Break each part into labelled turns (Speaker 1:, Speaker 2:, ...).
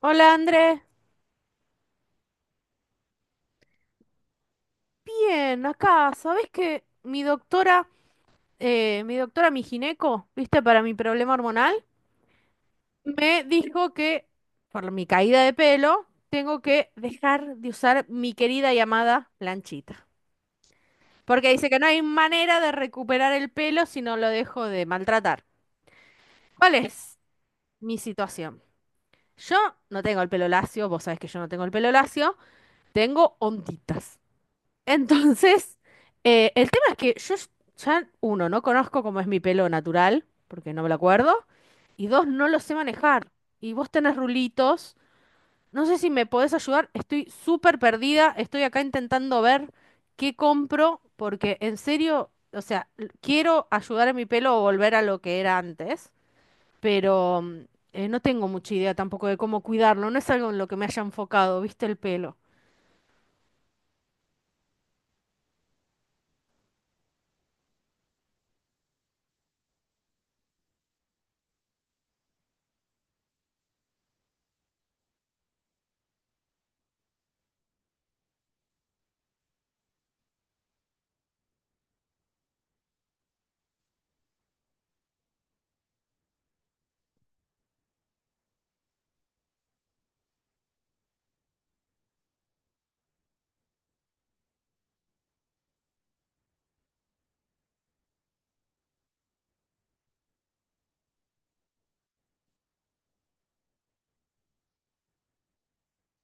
Speaker 1: Hola Andrés, bien, acá, ¿sabés que mi doctora, mi doctora, mi gineco, viste, para mi problema hormonal, me dijo que por mi caída de pelo tengo que dejar de usar mi querida y amada planchita? Porque dice que no hay manera de recuperar el pelo si no lo dejo de maltratar. ¿Cuál es mi situación? Yo no tengo el pelo lacio, vos sabés que yo no tengo el pelo lacio, tengo onditas. Entonces, el tema es que yo ya, uno, no conozco cómo es mi pelo natural, porque no me lo acuerdo, y dos, no lo sé manejar. Y vos tenés rulitos, no sé si me podés ayudar, estoy súper perdida, estoy acá intentando ver qué compro, porque en serio, o sea, l- quiero ayudar a mi pelo a volver a lo que era antes, pero no tengo mucha idea tampoco de cómo cuidarlo, no es algo en lo que me haya enfocado, ¿viste el pelo?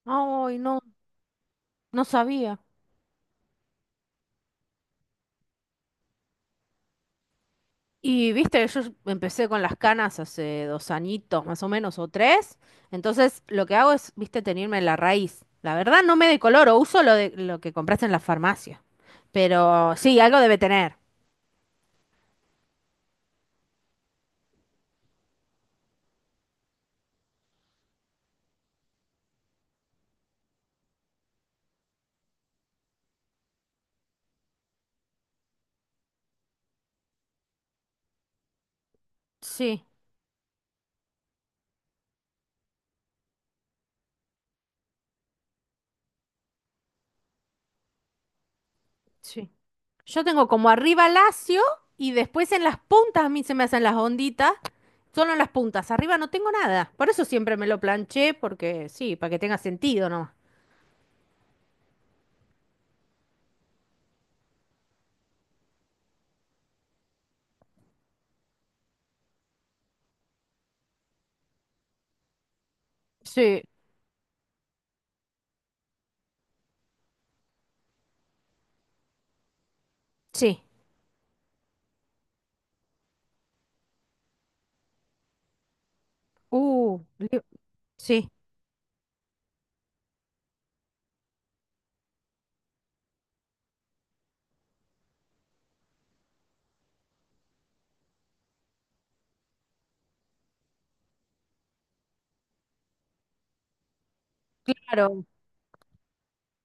Speaker 1: Ay, no, no sabía. Y viste, yo empecé con las canas hace dos añitos, más o menos, o tres. Entonces, lo que hago es, viste, tenerme la raíz. La verdad, no me decoloro, uso lo de lo que compraste en la farmacia. Pero sí, algo debe tener. Sí, sí. Yo tengo como arriba lacio y después en las puntas a mí se me hacen las onditas. Solo en las puntas. Arriba no tengo nada. Por eso siempre me lo planché, porque sí, para que tenga sentido, ¿no? Sí, sí. Li- sí, claro.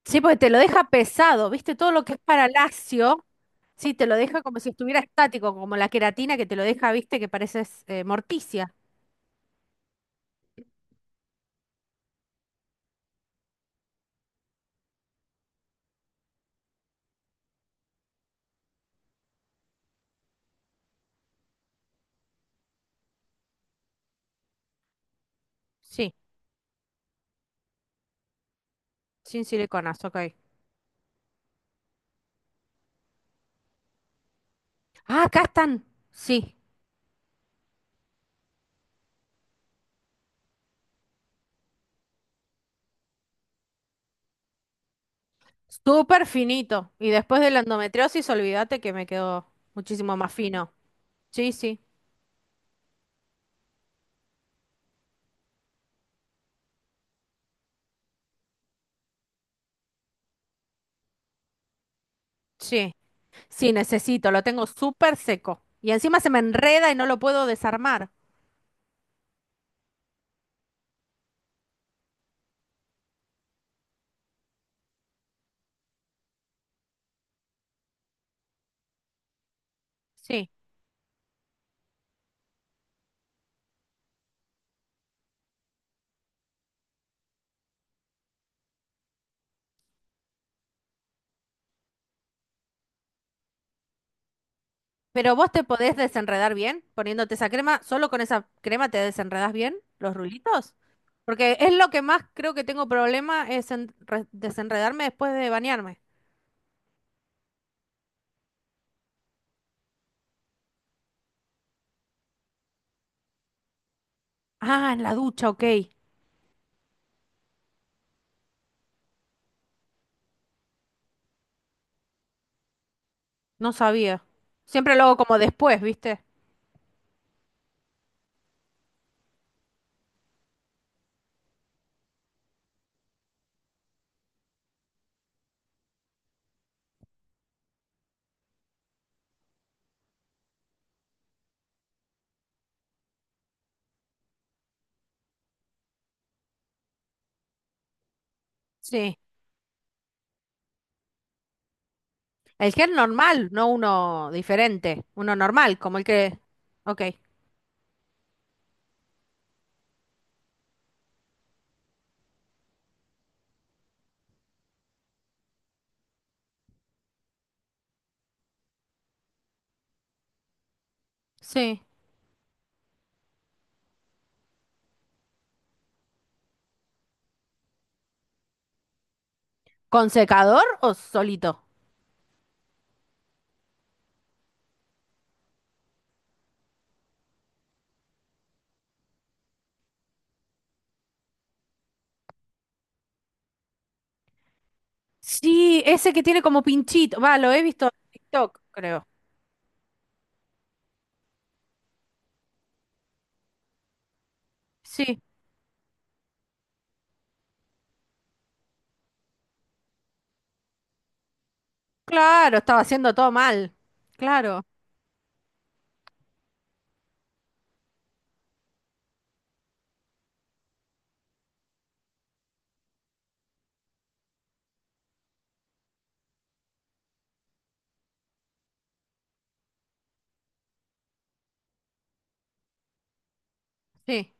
Speaker 1: Sí, porque te lo deja pesado, ¿viste? Todo lo que es para lacio, sí, te lo deja como si estuviera estático, como la queratina que te lo deja, ¿viste? Que pareces Morticia. Sí, sin siliconas, ok. Ah, acá están. Sí, súper finito. Y después de la endometriosis, olvídate que me quedó muchísimo más fino. Sí, sí, sí, sí, necesito, lo tengo súper seco. Y encima se me enreda y no lo puedo desarmar. Sí, pero vos te podés desenredar bien poniéndote esa crema, solo con esa crema te desenredás bien los rulitos. Porque es lo que más creo que tengo problema es en re- desenredarme después de bañarme. Ah, en la ducha, ok. No sabía. Siempre lo hago como después, ¿viste? Sí. El gel normal, no uno diferente, uno normal, como el que... Ok. Sí. ¿Con secador o solito? Sí, ese que tiene como pinchito. Va, lo he visto en TikTok, creo. Sí, claro, estaba haciendo todo mal. Claro, sí.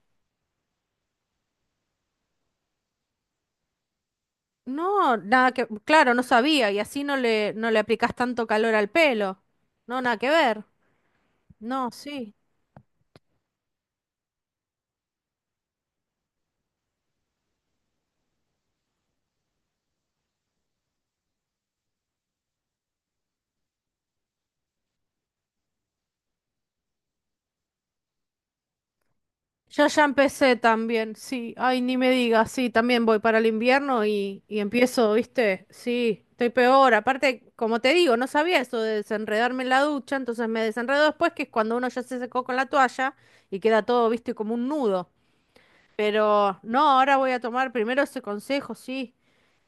Speaker 1: No, nada que, claro, no sabía y así no le, no le aplicás tanto calor al pelo. No, nada que ver. No, sí. Yo ya empecé también, sí. Ay, ni me digas, sí, también voy para el invierno y empiezo, ¿viste? Sí, estoy peor. Aparte, como te digo, no sabía eso de desenredarme en la ducha, entonces me desenredo después, que es cuando uno ya se secó con la toalla y queda todo, ¿viste? Como un nudo. Pero no, ahora voy a tomar primero ese consejo, sí.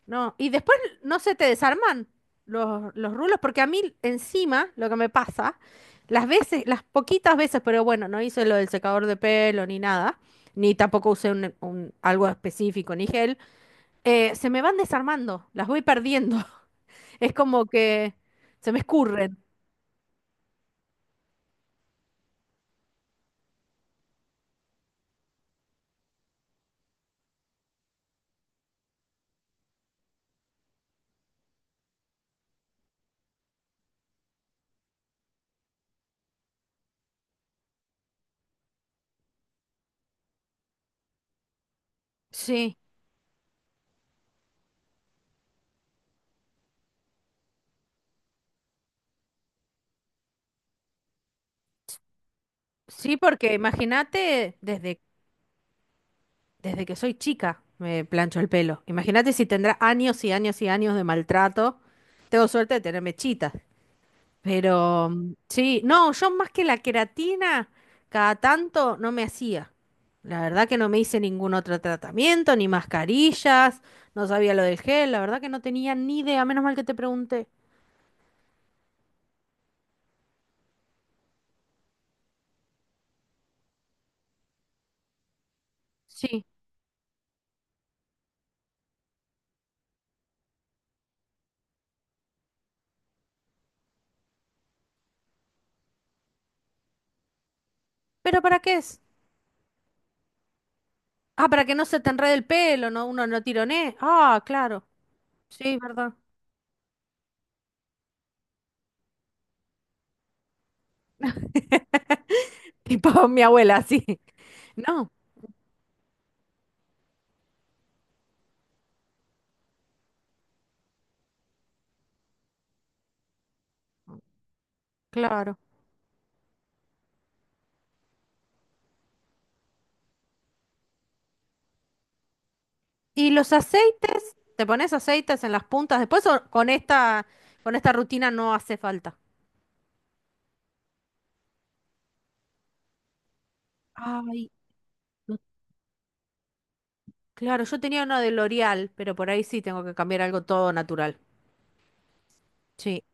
Speaker 1: No, y después, no se te desarman los rulos, porque a mí encima lo que me pasa, las veces, las poquitas veces, pero bueno, no hice lo del secador de pelo ni nada, ni tampoco usé algo específico, ni gel, se me van desarmando, las voy perdiendo. Es como que se me escurren. Sí, sí, porque imagínate, desde, desde que soy chica me plancho el pelo. Imagínate si tendrá años y años y años de maltrato. Tengo suerte de tener mechitas. Pero sí, no, yo más que la queratina, cada tanto no me hacía. La verdad que no me hice ningún otro tratamiento, ni mascarillas, no sabía lo del gel, la verdad que no tenía ni idea, menos mal que te pregunté. Sí, pero ¿para qué es? Ah, para que no se te enrede el pelo, no, uno no tironee. Ah, claro, sí, verdad. Tipo mi abuela, sí. No, claro. ¿Y los aceites? ¿Te pones aceites en las puntas después o con esta rutina no hace falta? Ay, no- claro, yo tenía uno de L'Oreal, pero por ahí sí tengo que cambiar algo todo natural. Sí,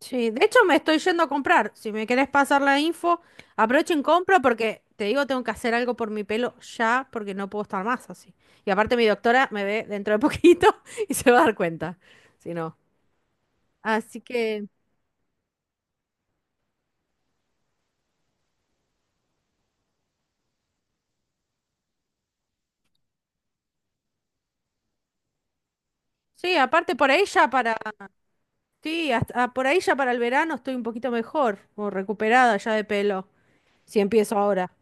Speaker 1: sí. De hecho, me estoy yendo a comprar. Si me querés pasar la info, aprovechen, compro porque te digo, tengo que hacer algo por mi pelo ya porque no puedo estar más así. Y aparte, mi doctora me ve dentro de poquito y se va a dar cuenta. Si no. Así que, sí, aparte por ahí ya para. Sí, hasta- ah, por ahí ya para el verano estoy un poquito mejor o recuperada ya de pelo, si empiezo ahora.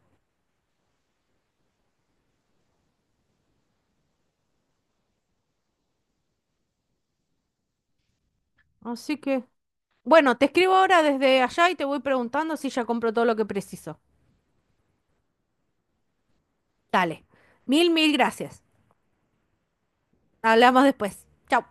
Speaker 1: Así que. Bueno, te escribo ahora desde allá y te voy preguntando si ya compró todo lo que preciso. Dale. Mil, mil gracias. Hablamos después. Chau.